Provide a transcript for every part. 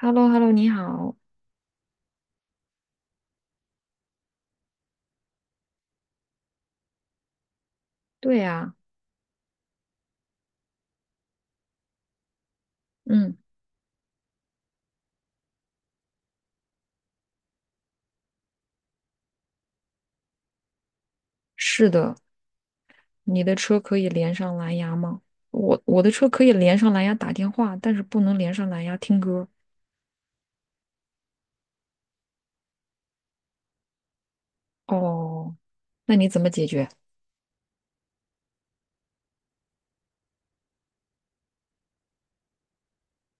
h e l l o h e l l o 你好。对呀，嗯，是的，你的车可以连上蓝牙吗？我的车可以连上蓝牙打电话，但是不能连上蓝牙听歌。哦，那你怎么解决？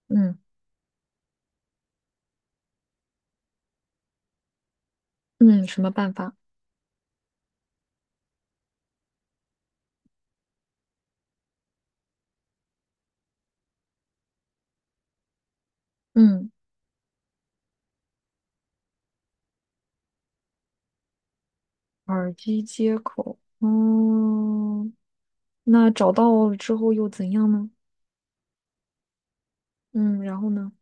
嗯嗯，什么办法？嗯，耳机接口。嗯，那找到了之后又怎样呢？嗯，然后呢？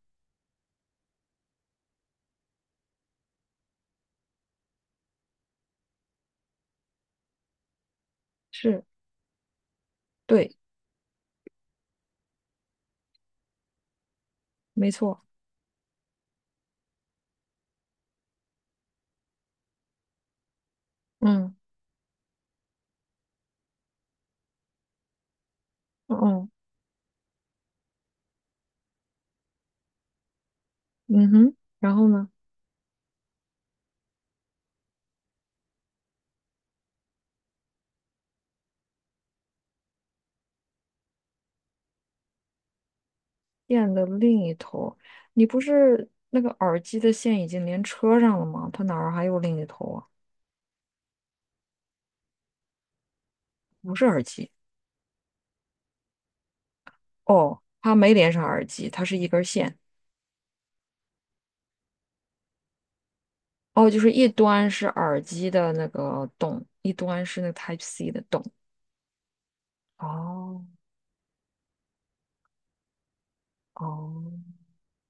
是，对，没错。嗯，哦，嗯哼，然后呢？电的另一头，你不是那个耳机的线已经连车上了吗？它哪儿还有另一头啊？不是耳机。哦，它没连上耳机，它是一根线。哦，就是一端是耳机的那个洞，一端是那个 Type C 的洞。哦哦，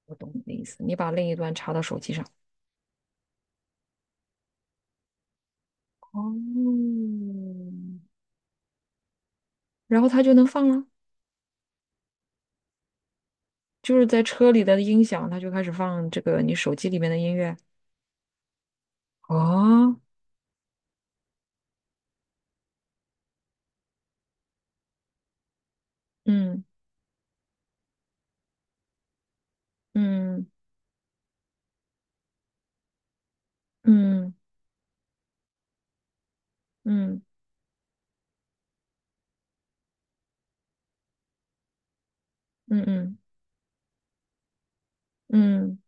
我懂你的意思，你把另一端插到手机上。哦，然后它就能放了，就是在车里的音响，它就开始放这个你手机里面的音乐。哦，嗯嗯。嗯嗯嗯嗯嗯，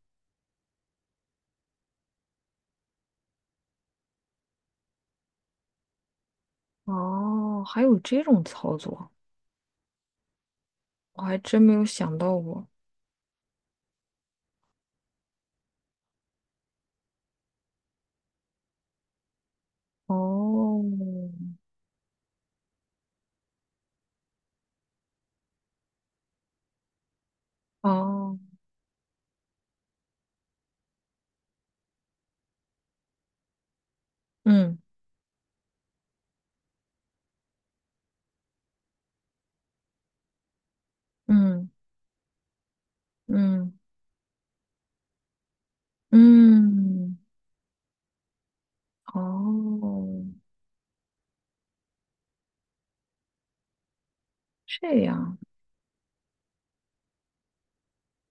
哦，还有这种操作，我还真没有想到过。哦，哦，嗯嗯嗯嗯，哦，这样，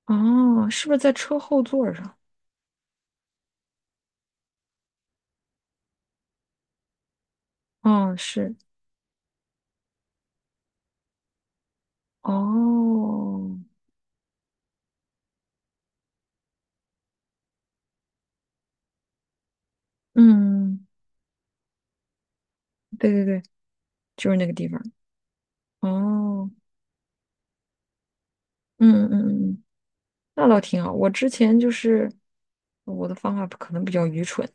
哦，是不是在车后座儿上？哦，是，哦，嗯对对对，就是那个地方。哦，嗯嗯嗯，嗯那倒挺好。我之前就是我的方法可能比较愚蠢，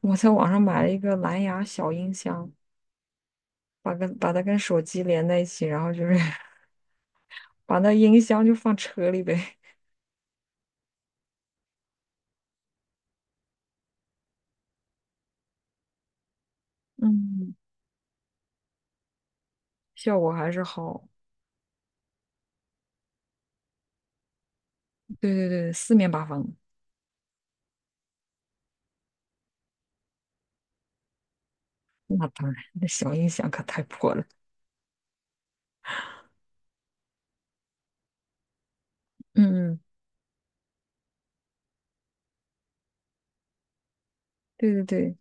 我在网上买了一个蓝牙小音箱，把它跟手机连在一起，然后就是 把那音箱就放车里呗。嗯，效果还是好。对对对，四面八方。那当然，那小音响可太破了。嗯嗯，对对对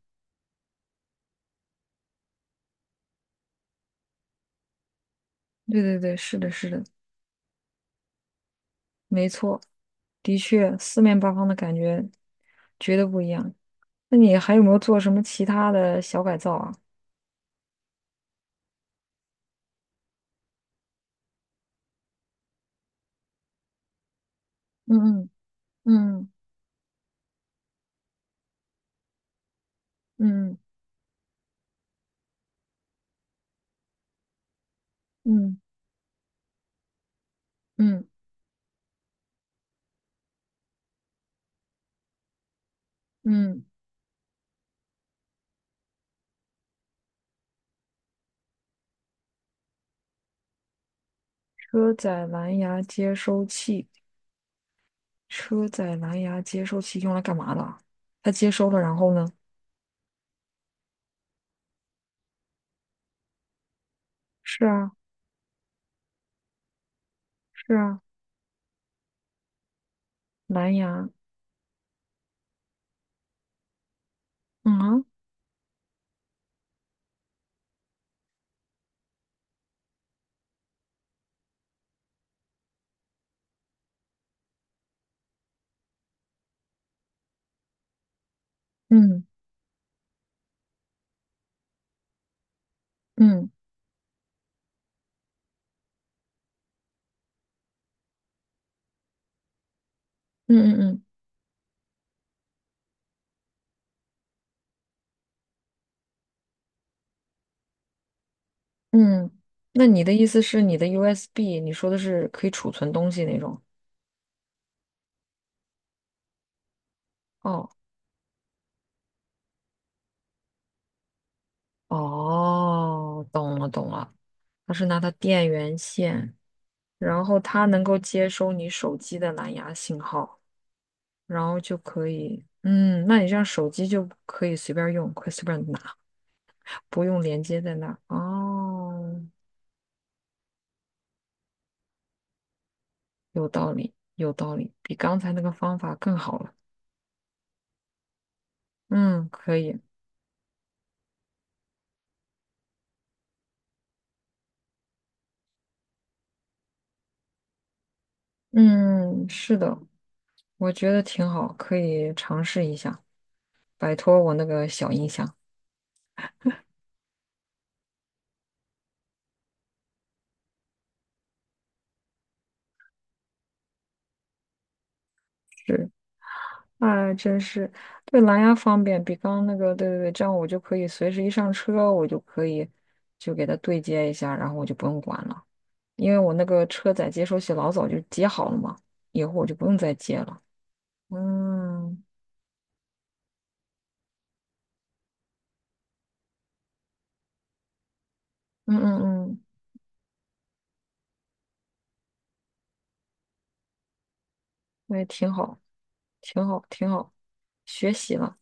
对对对，是的，是的，没错，的确，四面八方的感觉绝对不一样。那你还有没有做什么其他的小改造啊？嗯嗯嗯嗯嗯嗯嗯。嗯车载蓝牙接收器，车载蓝牙接收器用来干嘛的啊，它接收了，然后呢？是啊，是啊，蓝牙，嗯啊，嗯嗯嗯嗯嗯嗯。那你的意思是你的 USB，你说的是可以储存东西那种？哦哦，懂了懂了，它是拿它电源线，然后它能够接收你手机的蓝牙信号，然后就可以，嗯，那你这样手机就可以随便用，可以随便拿。不用连接在那儿。哦，有道理，有道理，比刚才那个方法更好了。嗯，可以。嗯，是的，我觉得挺好，可以尝试一下，摆脱我那个小音箱。是，哎，真是，对，蓝牙方便，比刚刚那个，对对对，这样我就可以随时一上车，我就可以就给它对接一下，然后我就不用管了，因为我那个车载接收器老早就接好了嘛，以后我就不用再接了。嗯嗯嗯嗯。那也挺好，挺好，挺好，学习了，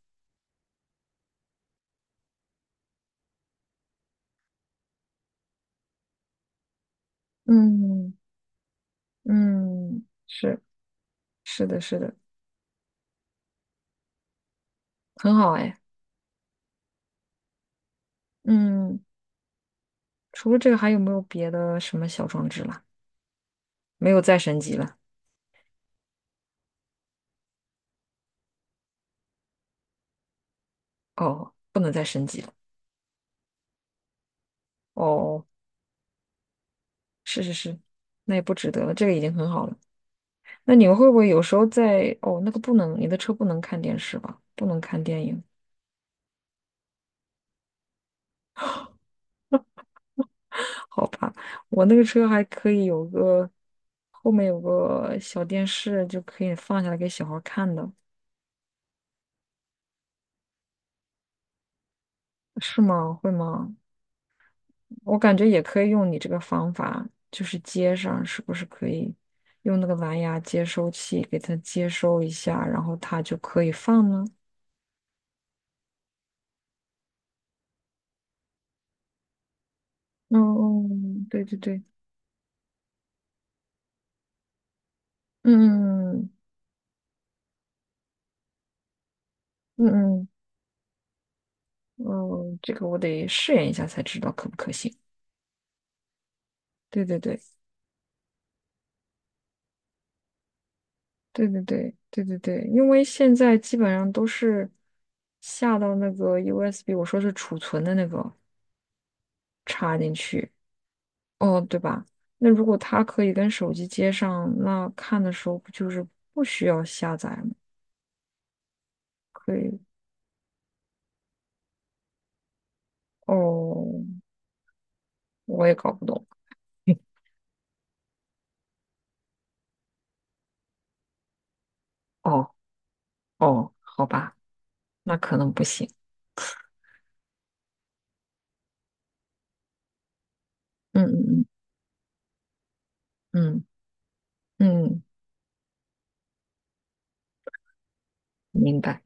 嗯嗯是是的，是的，很好哎。嗯，除了这个，还有没有别的什么小装置了？没有再升级了，哦，不能再升级了，哦，是是是，那也不值得了，这个已经很好了。那你们会不会有时候在，哦，那个不能，你的车不能看电视吧？不能看电影，我那个车还可以有个后面有个小电视，就可以放下来给小孩儿看的。是吗？会吗？我感觉也可以用你这个方法，就是接上，是不是可以用那个蓝牙接收器给它接收一下，然后它就可以放呢？嗯，对对对，嗯嗯嗯嗯，嗯，这个我得试验一下才知道可不可行。对对对对对对对对对，因为现在基本上都是下到那个 USB，我说是储存的那个插进去。哦，对吧？那如果它可以跟手机接上，那看的时候不就是不需要下载吗？可以。哦，我也搞不懂。哦哦，好吧，那可能不行。嗯嗯嗯嗯嗯，明白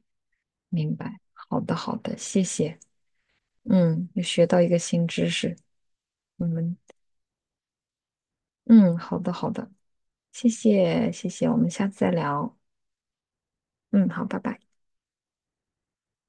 明白。好的好的，谢谢。嗯，又学到一个新知识。我们嗯，好的好的，谢谢谢谢，我们下次再聊。嗯，好，拜拜。